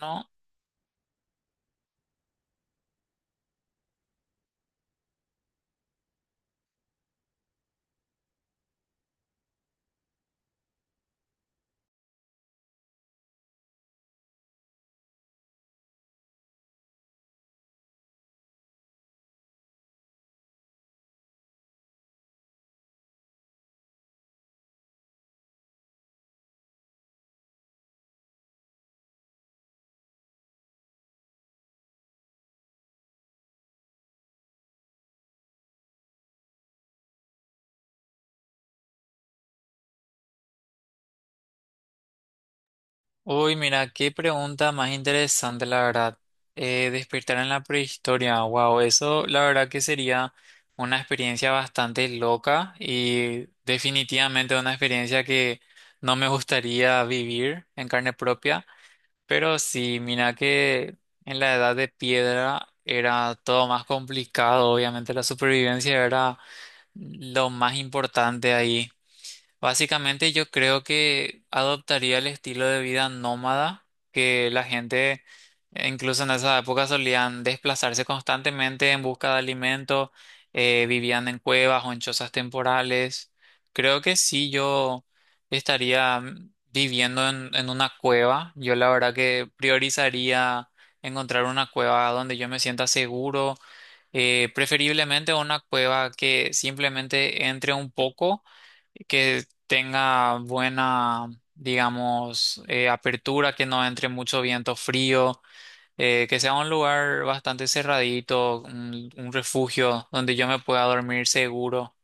No. Uy, mira, qué pregunta más interesante, la verdad. Despertar en la prehistoria, wow, eso la verdad que sería una experiencia bastante loca y definitivamente una experiencia que no me gustaría vivir en carne propia. Pero sí, mira que en la edad de piedra era todo más complicado, obviamente la supervivencia era lo más importante ahí. Básicamente yo creo que adoptaría el estilo de vida nómada que la gente incluso en esa época solían desplazarse constantemente en busca de alimento, vivían en cuevas o en chozas temporales. Creo que sí, yo estaría viviendo en una cueva. Yo la verdad que priorizaría encontrar una cueva donde yo me sienta seguro, preferiblemente una cueva que simplemente entre un poco que tenga buena, digamos, apertura, que no entre mucho viento frío, que sea un lugar bastante cerradito, un refugio donde yo me pueda dormir seguro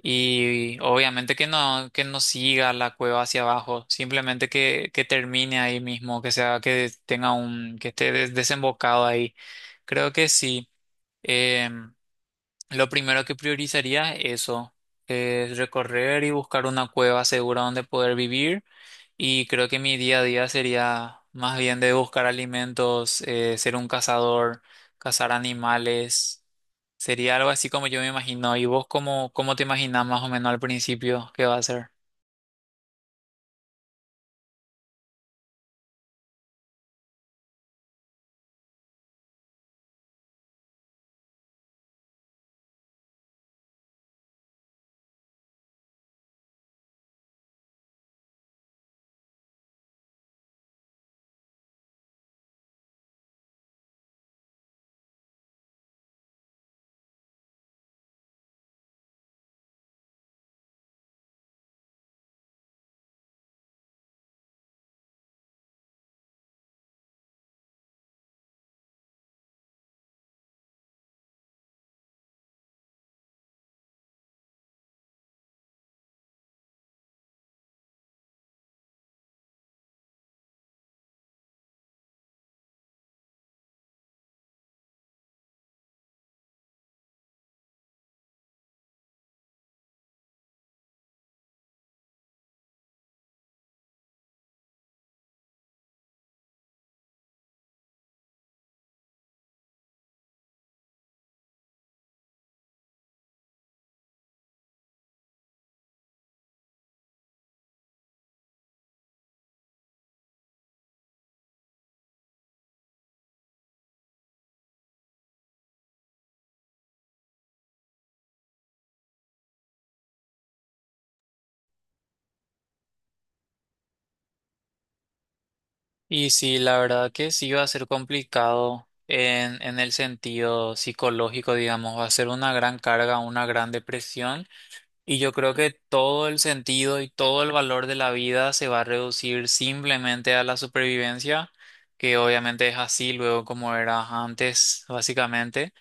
y obviamente que no siga la cueva hacia abajo, simplemente que termine ahí mismo, que sea, que tenga un, que esté desembocado ahí. Creo que sí. Em, lo primero que priorizaría es eso, es recorrer y buscar una cueva segura donde poder vivir. Y creo que mi día a día sería más bien de buscar alimentos, ser un cazador, cazar animales. Sería algo así como yo me imagino. ¿Y vos cómo, cómo te imaginas más o menos al principio qué va a ser? Y sí, la verdad que sí va a ser complicado en el sentido psicológico, digamos, va a ser una gran carga, una gran depresión. Y yo creo que todo el sentido y todo el valor de la vida se va a reducir simplemente a la supervivencia, que obviamente es así luego como era antes, básicamente.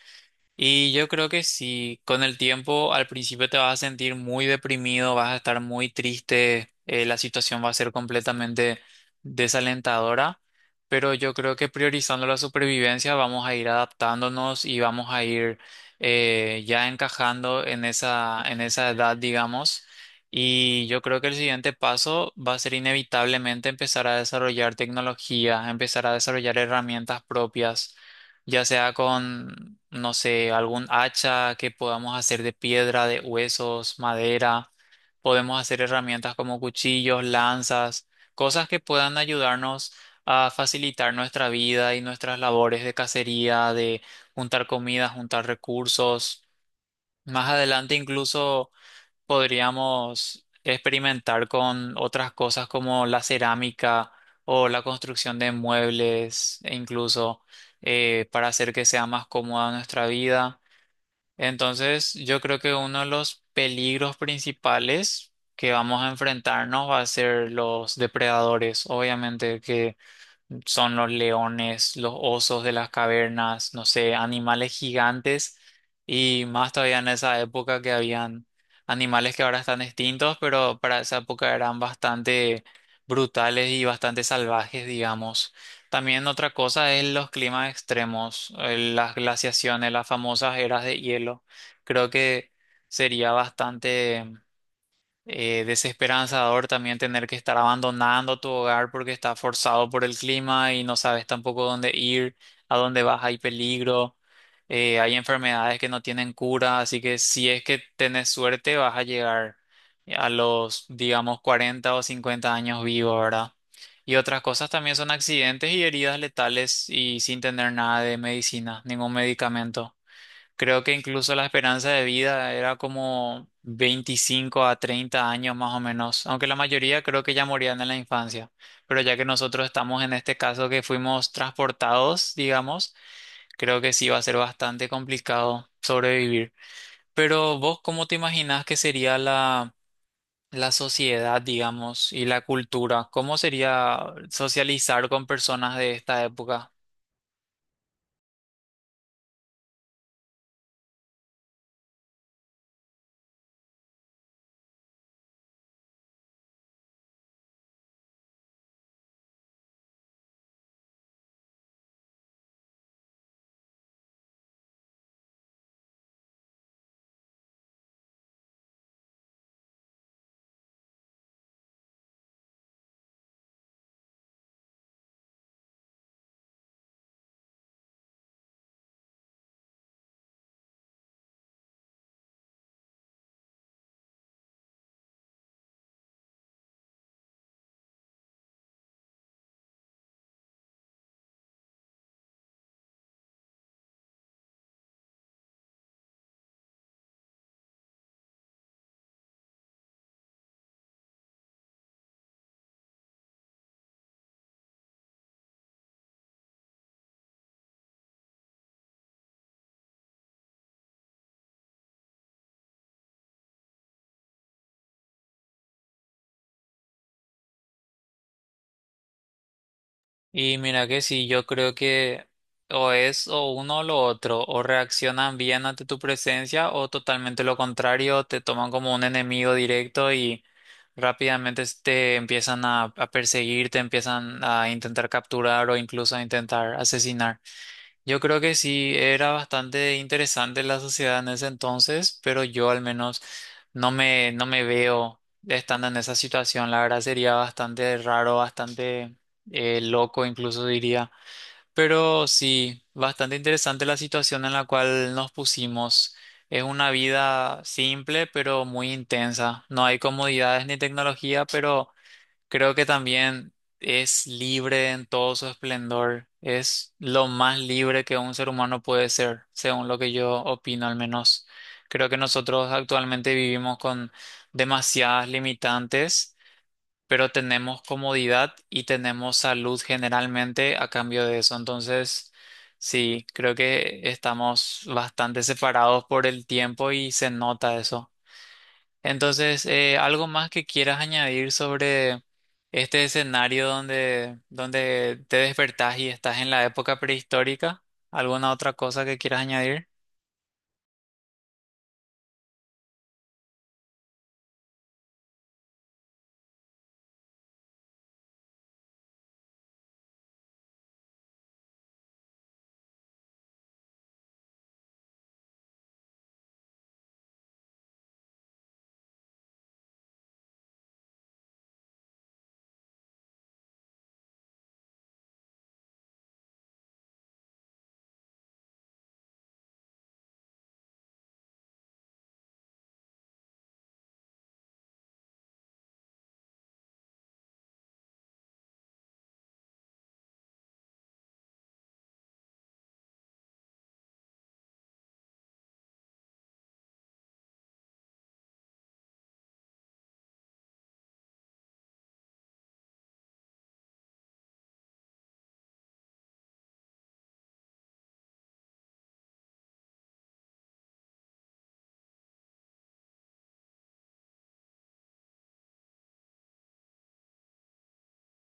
Y yo creo que sí, con el tiempo al principio te vas a sentir muy deprimido, vas a estar muy triste, la situación va a ser completamente desalentadora, pero yo creo que priorizando la supervivencia vamos a ir adaptándonos y vamos a ir ya encajando en esa edad, digamos. Y yo creo que el siguiente paso va a ser inevitablemente empezar a desarrollar tecnología, empezar a desarrollar herramientas propias ya sea con, no sé, algún hacha que podamos hacer de piedra, de huesos, madera. Podemos hacer herramientas como cuchillos, lanzas, cosas que puedan ayudarnos a facilitar nuestra vida y nuestras labores de cacería, de juntar comida, juntar recursos. Más adelante incluso podríamos experimentar con otras cosas como la cerámica o la construcción de muebles e incluso para hacer que sea más cómoda nuestra vida. Entonces, yo creo que uno de los peligros principales que vamos a enfrentarnos va a ser los depredadores, obviamente que son los leones, los osos de las cavernas, no sé, animales gigantes y más todavía en esa época que habían animales que ahora están extintos, pero para esa época eran bastante brutales y bastante salvajes, digamos. También otra cosa es los climas extremos, las glaciaciones, las famosas eras de hielo. Creo que sería bastante desesperanzador también tener que estar abandonando tu hogar porque está forzado por el clima y no sabes tampoco dónde ir, a dónde vas, hay peligro, hay enfermedades que no tienen cura, así que si es que tenés suerte vas a llegar a los, digamos, 40 o 50 años vivo, ¿verdad? Y otras cosas también son accidentes y heridas letales y sin tener nada de medicina, ningún medicamento. Creo que incluso la esperanza de vida era como 25 a 30 años más o menos, aunque la mayoría creo que ya morían en la infancia. Pero ya que nosotros estamos en este caso que fuimos transportados, digamos, creo que sí va a ser bastante complicado sobrevivir. Pero vos, ¿cómo te imaginás que sería la, la sociedad, digamos, y la cultura? ¿Cómo sería socializar con personas de esta época? Y mira que sí, yo creo que o es o uno o lo otro, o reaccionan bien ante tu presencia o totalmente lo contrario, te toman como un enemigo directo y rápidamente te empiezan a perseguir, te empiezan a intentar capturar o incluso a intentar asesinar. Yo creo que sí, era bastante interesante la sociedad en ese entonces, pero yo al menos no me veo estando en esa situación. La verdad sería bastante raro, bastante loco incluso diría. Pero sí, bastante interesante la situación en la cual nos pusimos. Es una vida simple, pero muy intensa. No hay comodidades ni tecnología, pero creo que también es libre en todo su esplendor. Es lo más libre que un ser humano puede ser, según lo que yo opino al menos. Creo que nosotros actualmente vivimos con demasiadas limitantes, pero tenemos comodidad y tenemos salud generalmente a cambio de eso. Entonces, sí, creo que estamos bastante separados por el tiempo y se nota eso. Entonces, algo más que quieras añadir sobre este escenario donde, donde te despertás y estás en la época prehistórica, ¿alguna otra cosa que quieras añadir?